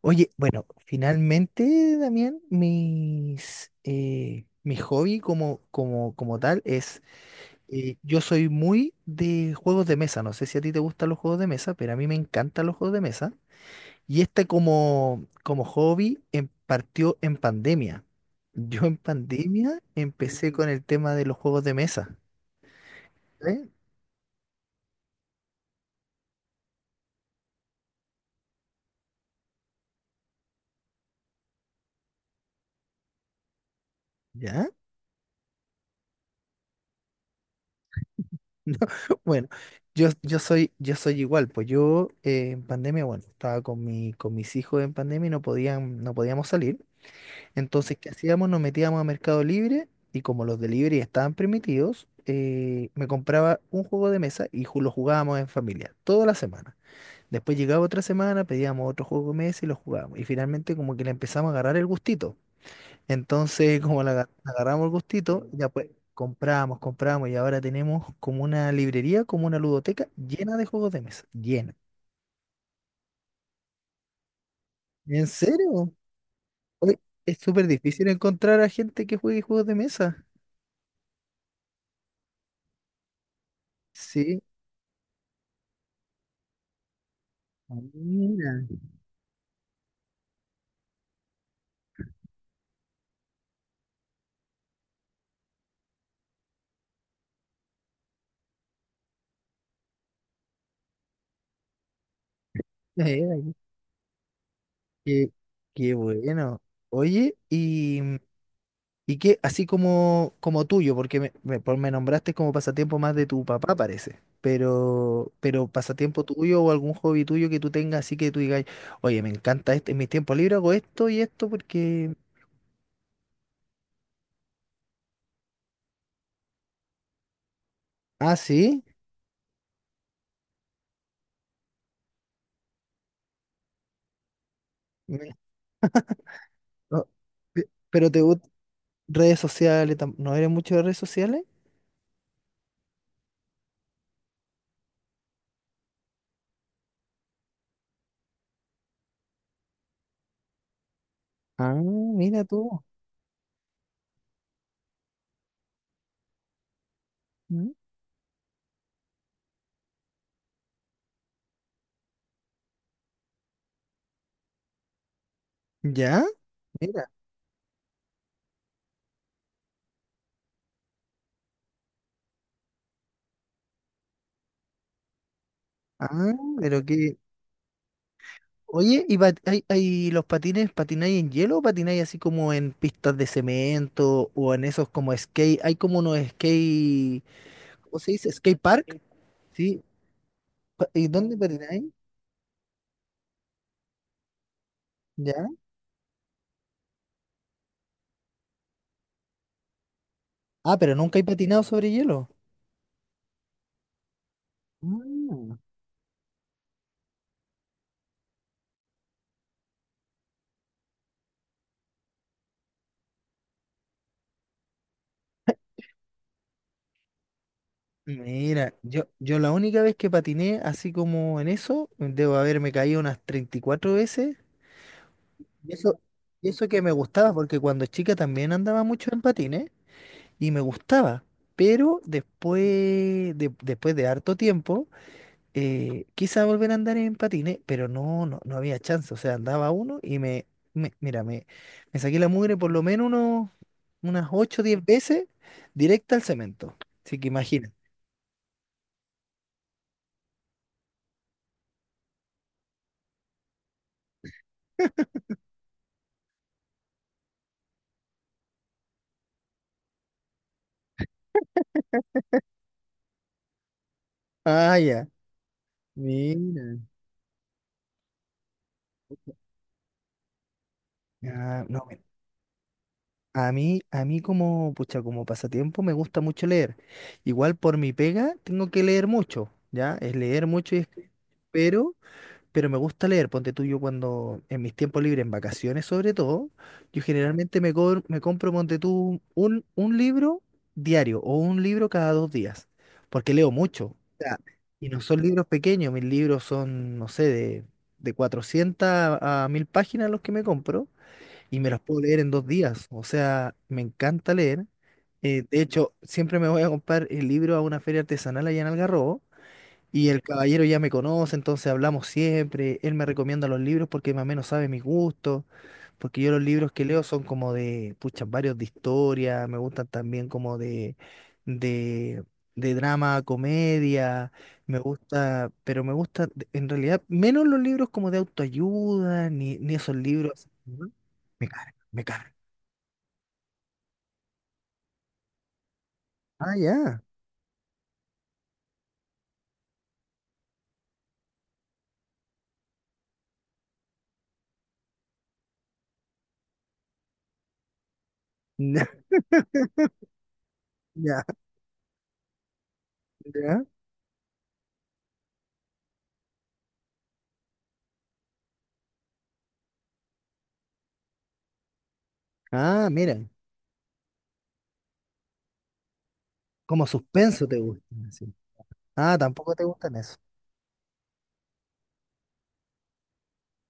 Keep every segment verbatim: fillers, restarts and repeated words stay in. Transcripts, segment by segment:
Oye, bueno, finalmente, Damián, mis, eh, mi hobby como, como, como tal es, eh, yo soy muy de juegos de mesa, no sé si a ti te gustan los juegos de mesa, pero a mí me encantan los juegos de mesa. Y este como, como hobby em- partió en pandemia. Yo en pandemia empecé con el tema de los juegos de mesa. ¿Eh? ¿Ya? Bueno, yo, yo soy, yo soy igual, pues yo, eh, en pandemia, bueno, estaba con mi, con mis hijos en pandemia y no podían, no podíamos salir. Entonces, ¿qué hacíamos? Nos metíamos a Mercado Libre y como los delivery estaban permitidos, eh, me compraba un juego de mesa y ju- lo jugábamos en familia, toda la semana. Después llegaba otra semana, pedíamos otro juego de mesa y lo jugábamos. Y finalmente como que le empezamos a agarrar el gustito. Entonces, como la aga- le agarramos el gustito, ya pues compramos, compramos y ahora tenemos como una librería, como una ludoteca llena de juegos de mesa, llena. ¿En serio? Oye, es súper difícil encontrar a gente que juegue juegos de mesa. Sí. Ah, mira, mira, qué, qué bueno. Oye, y Y que así como, como tuyo, porque me, me, por- me nombraste como pasatiempo más de tu papá, parece. Pero, pero pasatiempo tuyo o algún hobby tuyo que tú tengas, así que tú digas, oye, me encanta esto, en mis tiempos libres hago esto y esto porque... Ah, sí. Mira, no, pe- pero te gustan redes sociales, tam- ¿no eres mucho de redes sociales? Ah, mira tú. ¿Mm? ¿Ya? Mira. Ah, pero qué. Oye, ¿y pat- hay, hay los patines, patináis en hielo o patináis así como en pistas de cemento o en esos como skate? Hay como unos skate, ¿cómo se dice? Skate park, ¿sí? Pa- ¿Y dónde patináis? ¿Ya? Ah, pero nunca he patinado sobre hielo. Mm. Mira, yo, yo la única vez que patiné así como en eso, debo haberme caído unas treinta y cuatro veces. Y eso, y eso que me gustaba, porque cuando chica también andaba mucho en patines, y me gustaba. Pero después de, después de harto tiempo, eh, quise volver a andar en patines, pero no, no, no había chance. O sea, andaba uno y me, me- mira, me, me saqué la mugre por lo menos unos, unas ocho o diez veces directa al cemento. Así que imagina. Ah, ya. Mira. Ah, no, mira, a mí, a mí como, pucha, como pasatiempo me gusta mucho leer. Igual por mi pega tengo que leer mucho, ¿ya? Es leer mucho y escribir. Pero me gusta leer, ponte tú, yo cuando, en mis tiempos libres, en vacaciones sobre todo, yo generalmente me, cor- me compro, ponte tú, un, un libro diario o un libro cada dos días, porque leo mucho. O sea, y no son libros pequeños, mis libros son, no sé, de, de cuatrocientas a mil páginas los que me compro, y me los puedo leer en dos días. O sea, me encanta leer. Eh, de hecho, siempre me voy a comprar el libro a una feria artesanal allá en Algarrobo, y el caballero ya me conoce, entonces hablamos siempre. Él me recomienda los libros porque más o menos sabe mis gustos. Porque yo los libros que leo son como de, pucha, varios de historia. Me gustan también como de, de, de drama, comedia. Me gusta, pero me gusta, de- en realidad, menos los libros como de autoayuda, ni, ni esos libros, ¿no? Me cargan, me cargan. Ah, ya. Ya, ya. Ah, mira, como suspenso te gusta. Sí. Ah, tampoco te gustan esos.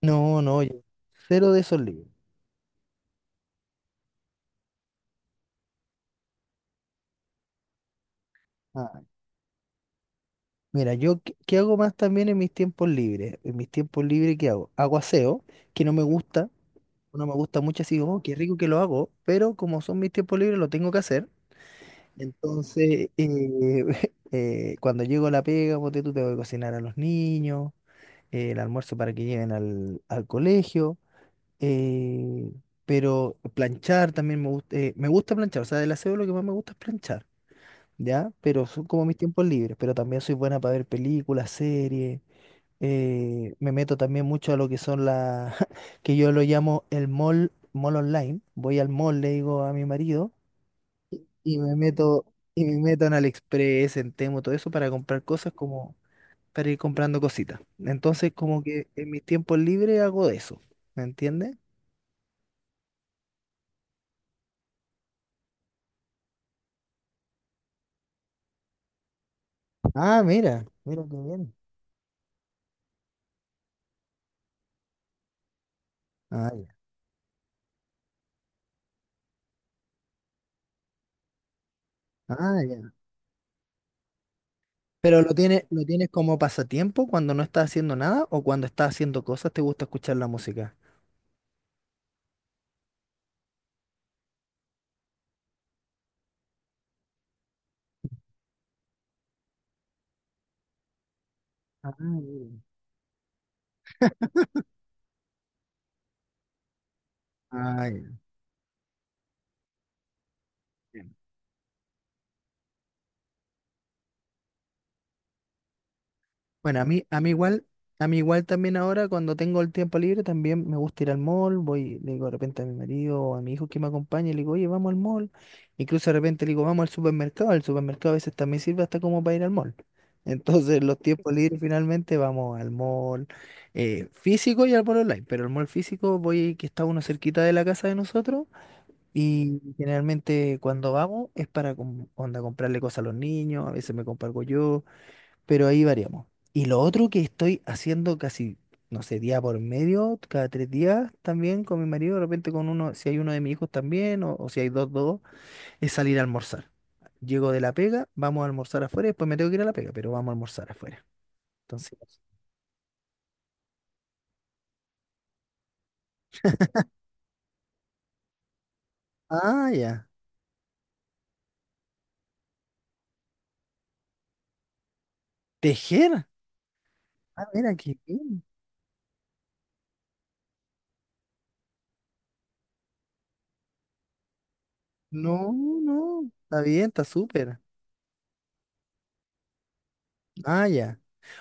No, no, yo cero de esos libros. Ah, mira, yo qué, qué hago más también en mis tiempos libres. En mis tiempos libres, ¿qué hago? Hago aseo, que no me gusta, no me gusta mucho, así, oh, qué rico que lo hago, pero como son mis tiempos libres, lo tengo que hacer. Entonces, eh, eh, cuando llego a la pega, ponte tú, tengo que cocinar a los niños, eh, el almuerzo para que lleven al, al colegio, eh, pero planchar también me gusta, me gusta planchar, o sea, del aseo lo que más me gusta es planchar. ¿Ya? Pero son como mis tiempos libres, pero también soy buena para ver películas, series. eh, me meto también mucho a lo que son las, que yo lo llamo el mall, mall online. Voy al mall, le digo a mi marido, y me meto, y me meto en AliExpress, en Temo, todo eso para comprar cosas como, para ir comprando cositas. Entonces, como que en mis tiempos libres hago eso, ¿me entiendes? Ah, mira, mira qué bien. Ah, ya. Ah, ya. Pero lo tienes, lo tienes como pasatiempo cuando no estás haciendo nada o cuando estás haciendo cosas te gusta escuchar la música. Ah, mira. Ah, ya. Bueno, a mí, a mí igual, a mí igual también ahora cuando tengo el tiempo libre también me gusta ir al mall, voy, le digo de repente a mi marido o a mi hijo que me acompañe, le digo, oye, vamos al mall. Incluso de repente le digo, vamos al supermercado, el supermercado a veces también sirve hasta como para ir al mall. Entonces los tiempos libres finalmente vamos al mall, eh, físico y al mall online, pero el mall físico voy que está uno cerquita de la casa de nosotros, y generalmente cuando vamos es para com- onda, comprarle cosas a los niños, a veces me compro algo yo, pero ahí variamos. Y lo otro que estoy haciendo casi, no sé, día por medio, cada tres días también con mi marido, de repente con uno, si hay uno de mis hijos también, o, o si hay dos, dos, es salir a almorzar. Llego de la pega, vamos a almorzar afuera, después me tengo que ir a la pega, pero vamos a almorzar afuera. Entonces, ah, ya. Tejer. Ah, mira, qué bien. No, no, está bien, está súper. Ah, ya.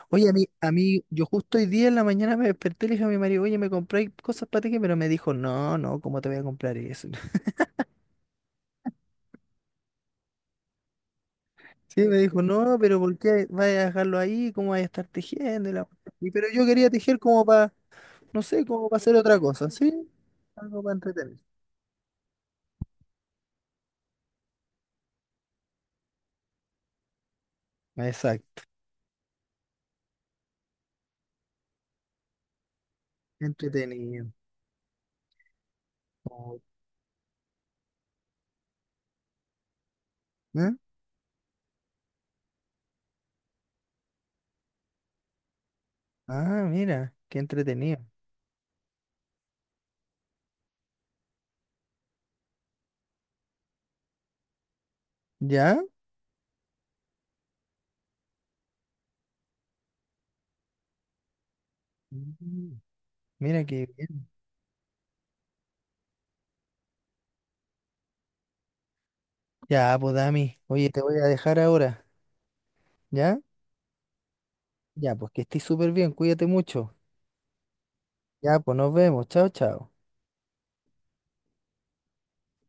Oye, a mí, a mí, yo justo hoy día en la mañana me desperté y le dije a mi marido, oye, me compré cosas para tejer, pero me dijo, no, no, ¿cómo te voy a comprar eso? Sí, me dijo, no, pero ¿por qué vas a dejarlo ahí? ¿Cómo vas a estar tejiendo? Y la cuestión? Y pero yo quería tejer como para, no sé, como para hacer otra cosa, ¿sí? Algo para entretener. Exacto, entretenido. Como, ¿eh? Ah, mira, qué entretenido. ¿Ya? Mm. Mira qué bien. Ya, pues Dami, oye, te voy a dejar ahora, ¿ya? Ya, pues que estés súper bien, cuídate mucho. Ya, pues nos vemos, chao, chao.